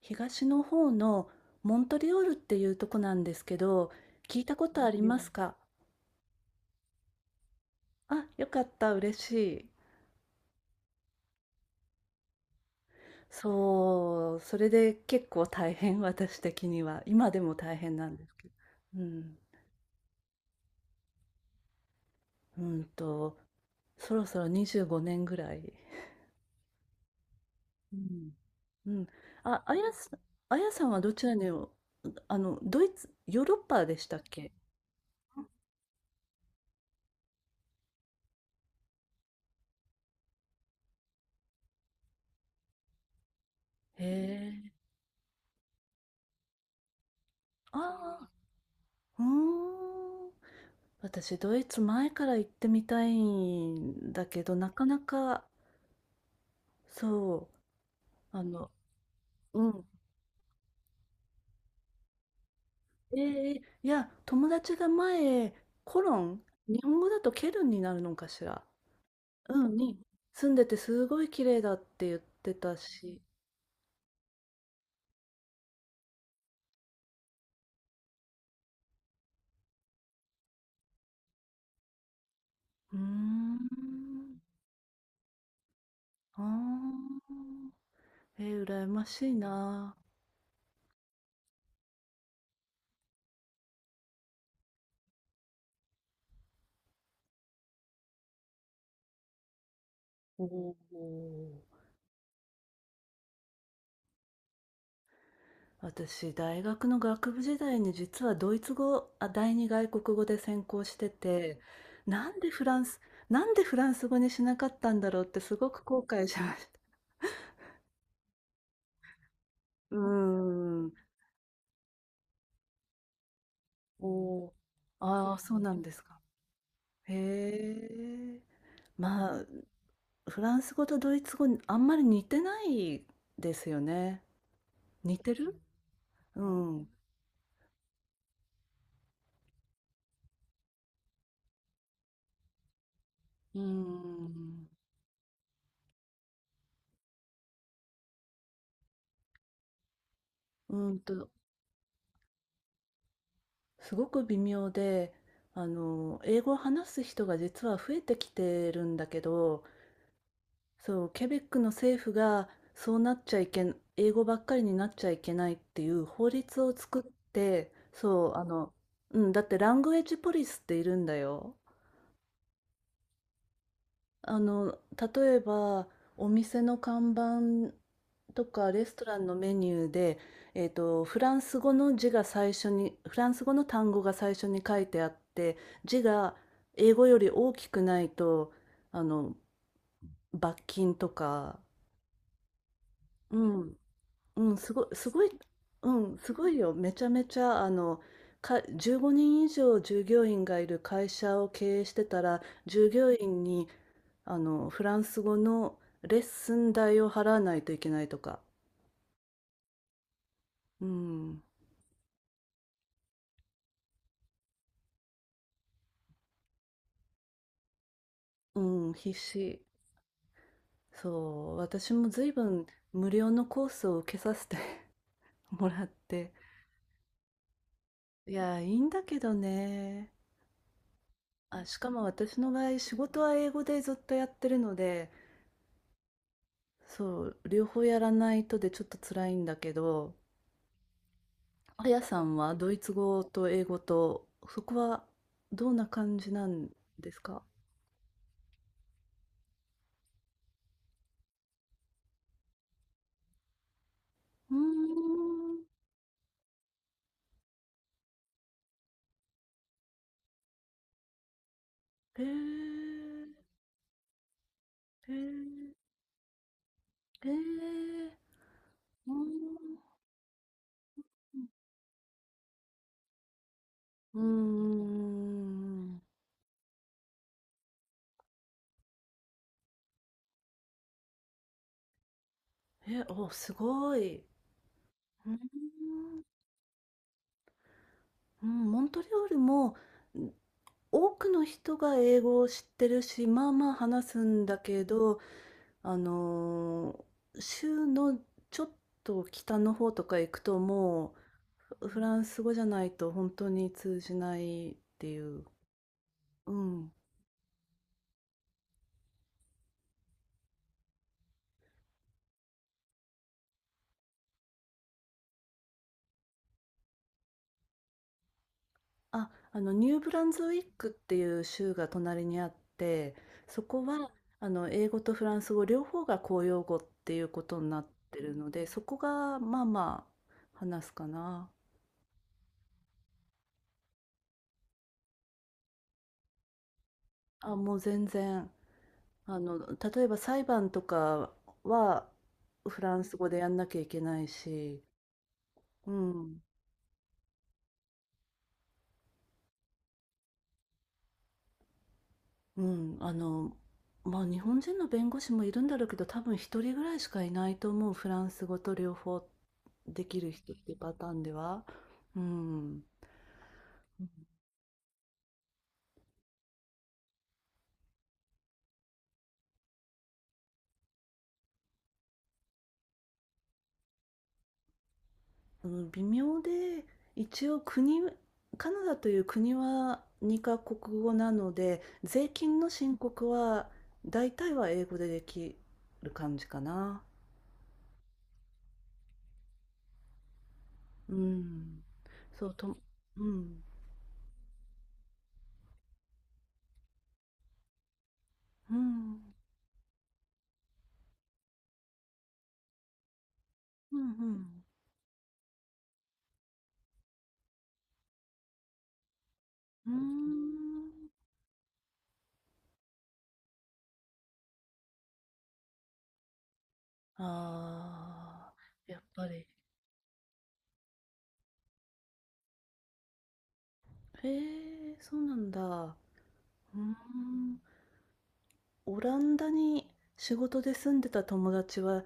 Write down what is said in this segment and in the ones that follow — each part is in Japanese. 東の方のモントリオールっていうとこなんですけど、聞いたことありうますん。か？あ、よかった、嬉しい。そう、それで結構大変、私的には。今でも大変なんですけど。うん。うんと、そろそろ25年ぐらい。うん。うん。あ、あやさん、あやさんはどちらにお、ドイツ、ヨーロッパでしたっけ？へえ。あ。うーん。私、ドイツ前から行ってみたいんだけど、なかなか、そう、うん。ええ、いや、友達が前、コロン、日本語だとケルンになるのかしら。うん、に住んでてすごい綺麗だって言ってたし。うーん。ああ。えー、羨ましいな。おお。私、大学の学部時代に実はドイツ語、あ、第二外国語で専攻してて、なんでフランス、なんでフランス語にしなかったんだろうってすごく後悔しました。うーん。おー。ああ、そうなんですか。へえ。まあ、フランス語とドイツ語、あんまり似てないですよね。似てるうん。うん。うんと、すごく微妙で、英語を話す人が実は増えてきてるんだけど、そう、ケベックの政府がそうなっちゃいけん、英語ばっかりになっちゃいけないっていう法律を作って、そう、うん、だってラングエッジポリスっているんだよ。あの、例えば、お店の看板とかレストランのメニューで、フランス語の単語が最初に書いてあって、字が英語より大きくないと、あの、罰金とか、うん、うん、すごい、すごい、うん、すごいよ。めちゃめちゃ、15人以上従業員がいる会社を経営してたら、従業員に、フランス語のレッスン代を払わないといけないとか。うん、うん、必死。そう、私も随分無料のコースを受けさせて もらって。いや、いいんだけどね。あ、しかも私の場合、仕事は英語でずっとやってるので、そう、両方やらないとでちょっと辛いんだけど、あやさんはドイツ語と英語と、そこはどんな感じなんですか？うーん。へえ、へえ、ええ。うーん。うんうんうんうん。え、お、すごい。うん。うん、モントリオールも、ん、多くの人が英語を知ってるし、まあまあ話すんだけど、あの、州のちょっと北の方とか行くともう、フランス語じゃないと本当に通じないっていう。うん。あ、ニューブランズウィックっていう州が隣にあって、そこは、英語とフランス語両方が公用語っていうことになってるので、そこがまあまあ話すかな。あ、もう全然、例えば裁判とかはフランス語でやんなきゃいけないし、うん。うん、日本人の弁護士もいるんだろうけど、多分一人ぐらいしかいないと思う、フランス語と両方できる人っていうパターンでは。うん。うん、微妙で、一応国カナダという国は2カ国語なので、税金の申告は大体は英語でできる感じかな。うん。そう、とうん。うん。うんうん。うん。ああ、やっぱり。へえ、そうなんだ。うーん。オランダに仕事で住んでた友達は、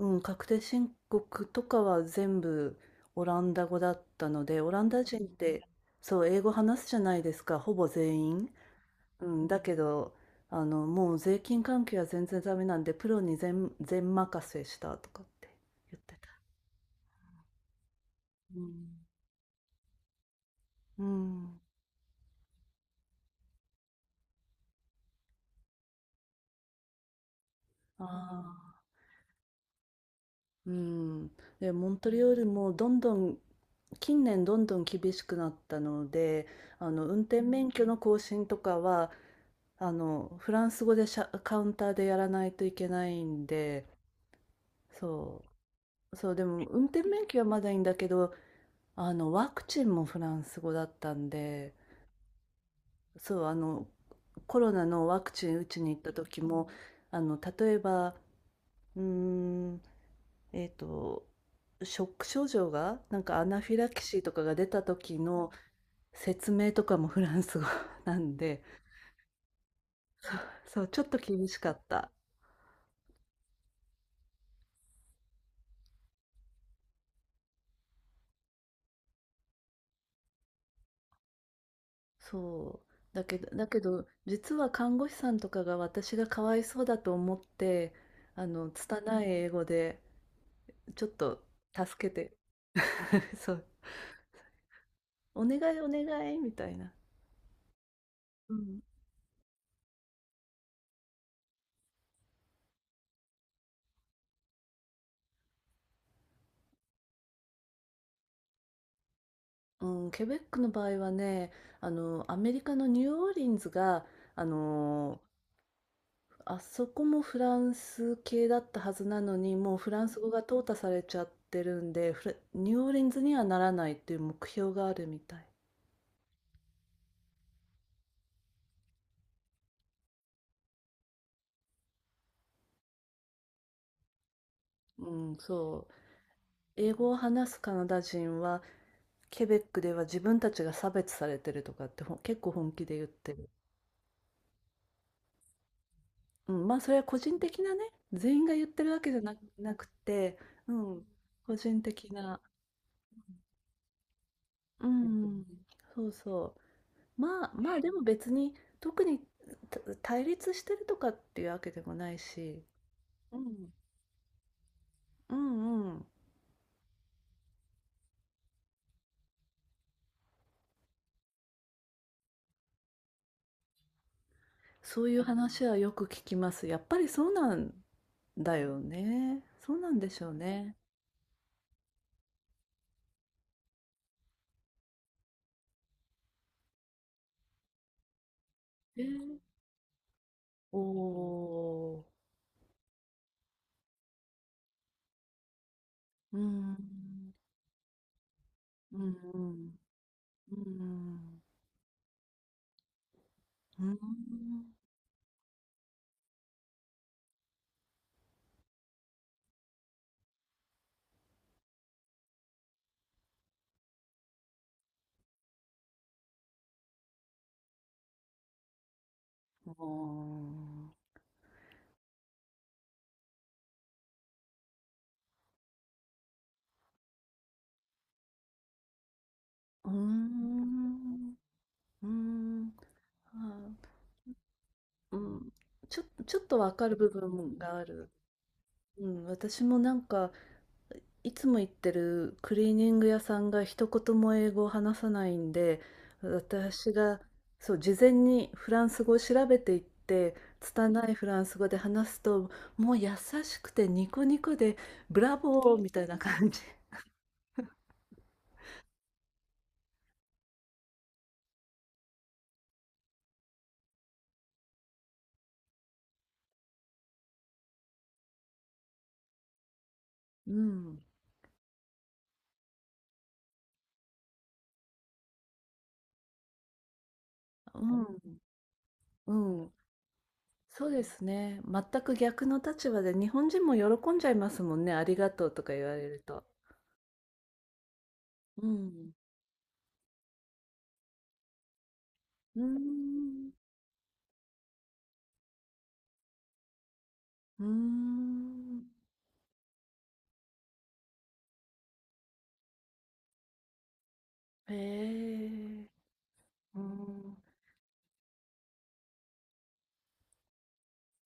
うん、確定申告とかは全部オランダ語だったので、オランダ人って、そう、英語話すじゃないですか、ほぼ全員。うん、だけど、もう税金関係は全然ダメなんで、プロに全、全任せしたとかって言ってた。うん。うん。ああ。うん、で、モントリオールもどんどん近年どんどん厳しくなったので、あの運転免許の更新とかはフランス語でカウンターでやらないといけないんで、そそうでも運転免許はまだいいんだけど、あのワクチンもフランス語だったんで、そうあのコロナのワクチン打ちに行った時も、あの例えば、うーんえっと、ショック症状が、なんかアナフィラキシーとかが出た時の説明とかもフランス語 なんで、そう、ちょっと厳しかった。そう。だけど、実は看護師さんとかが私がかわいそうだと思って、拙い英語で、ちょっと助けて、そう、お願いお願いみたいな。うん、うん、ケベックの場合はね、アメリカのニューオーリンズが、あの、あそこもフランス系だったはずなのに、もうフランス語が淘汰されちゃってるんで、フラニューオーリンズにはならないっていう目標があるみたい。うん、そう。英語を話すカナダ人は、ケベックでは自分たちが差別されてるとかって結構本気で言ってる。うん、まあそれは個人的なね、全員が言ってるわけじゃな、なくて、うん、個人的な。うん、そうそう。まあ、まあでも別に特に対立してるとかっていうわけでもないし、うん。うんうん、そういう話はよく聞きます。やっぱりそうなんだよね。そうなんでしょうね。えー、おお、うん、うん、うん、うん、うん、うん、うん、うん、あーうん、ちょっとわかる部分がある。うん、私もなんかいつも行ってるクリーニング屋さんが一言も英語を話さないんで、私が、そう、事前にフランス語を調べていって、拙いフランス語で話すと、もう優しくてニコニコで、ブラボーみたいな感じ。うん、うん、うん。そうですね。全く逆の立場で、日本人も喜んじゃいますもんね。ありがとうとか言われると。うん。うーん。うーん。へえ。うん。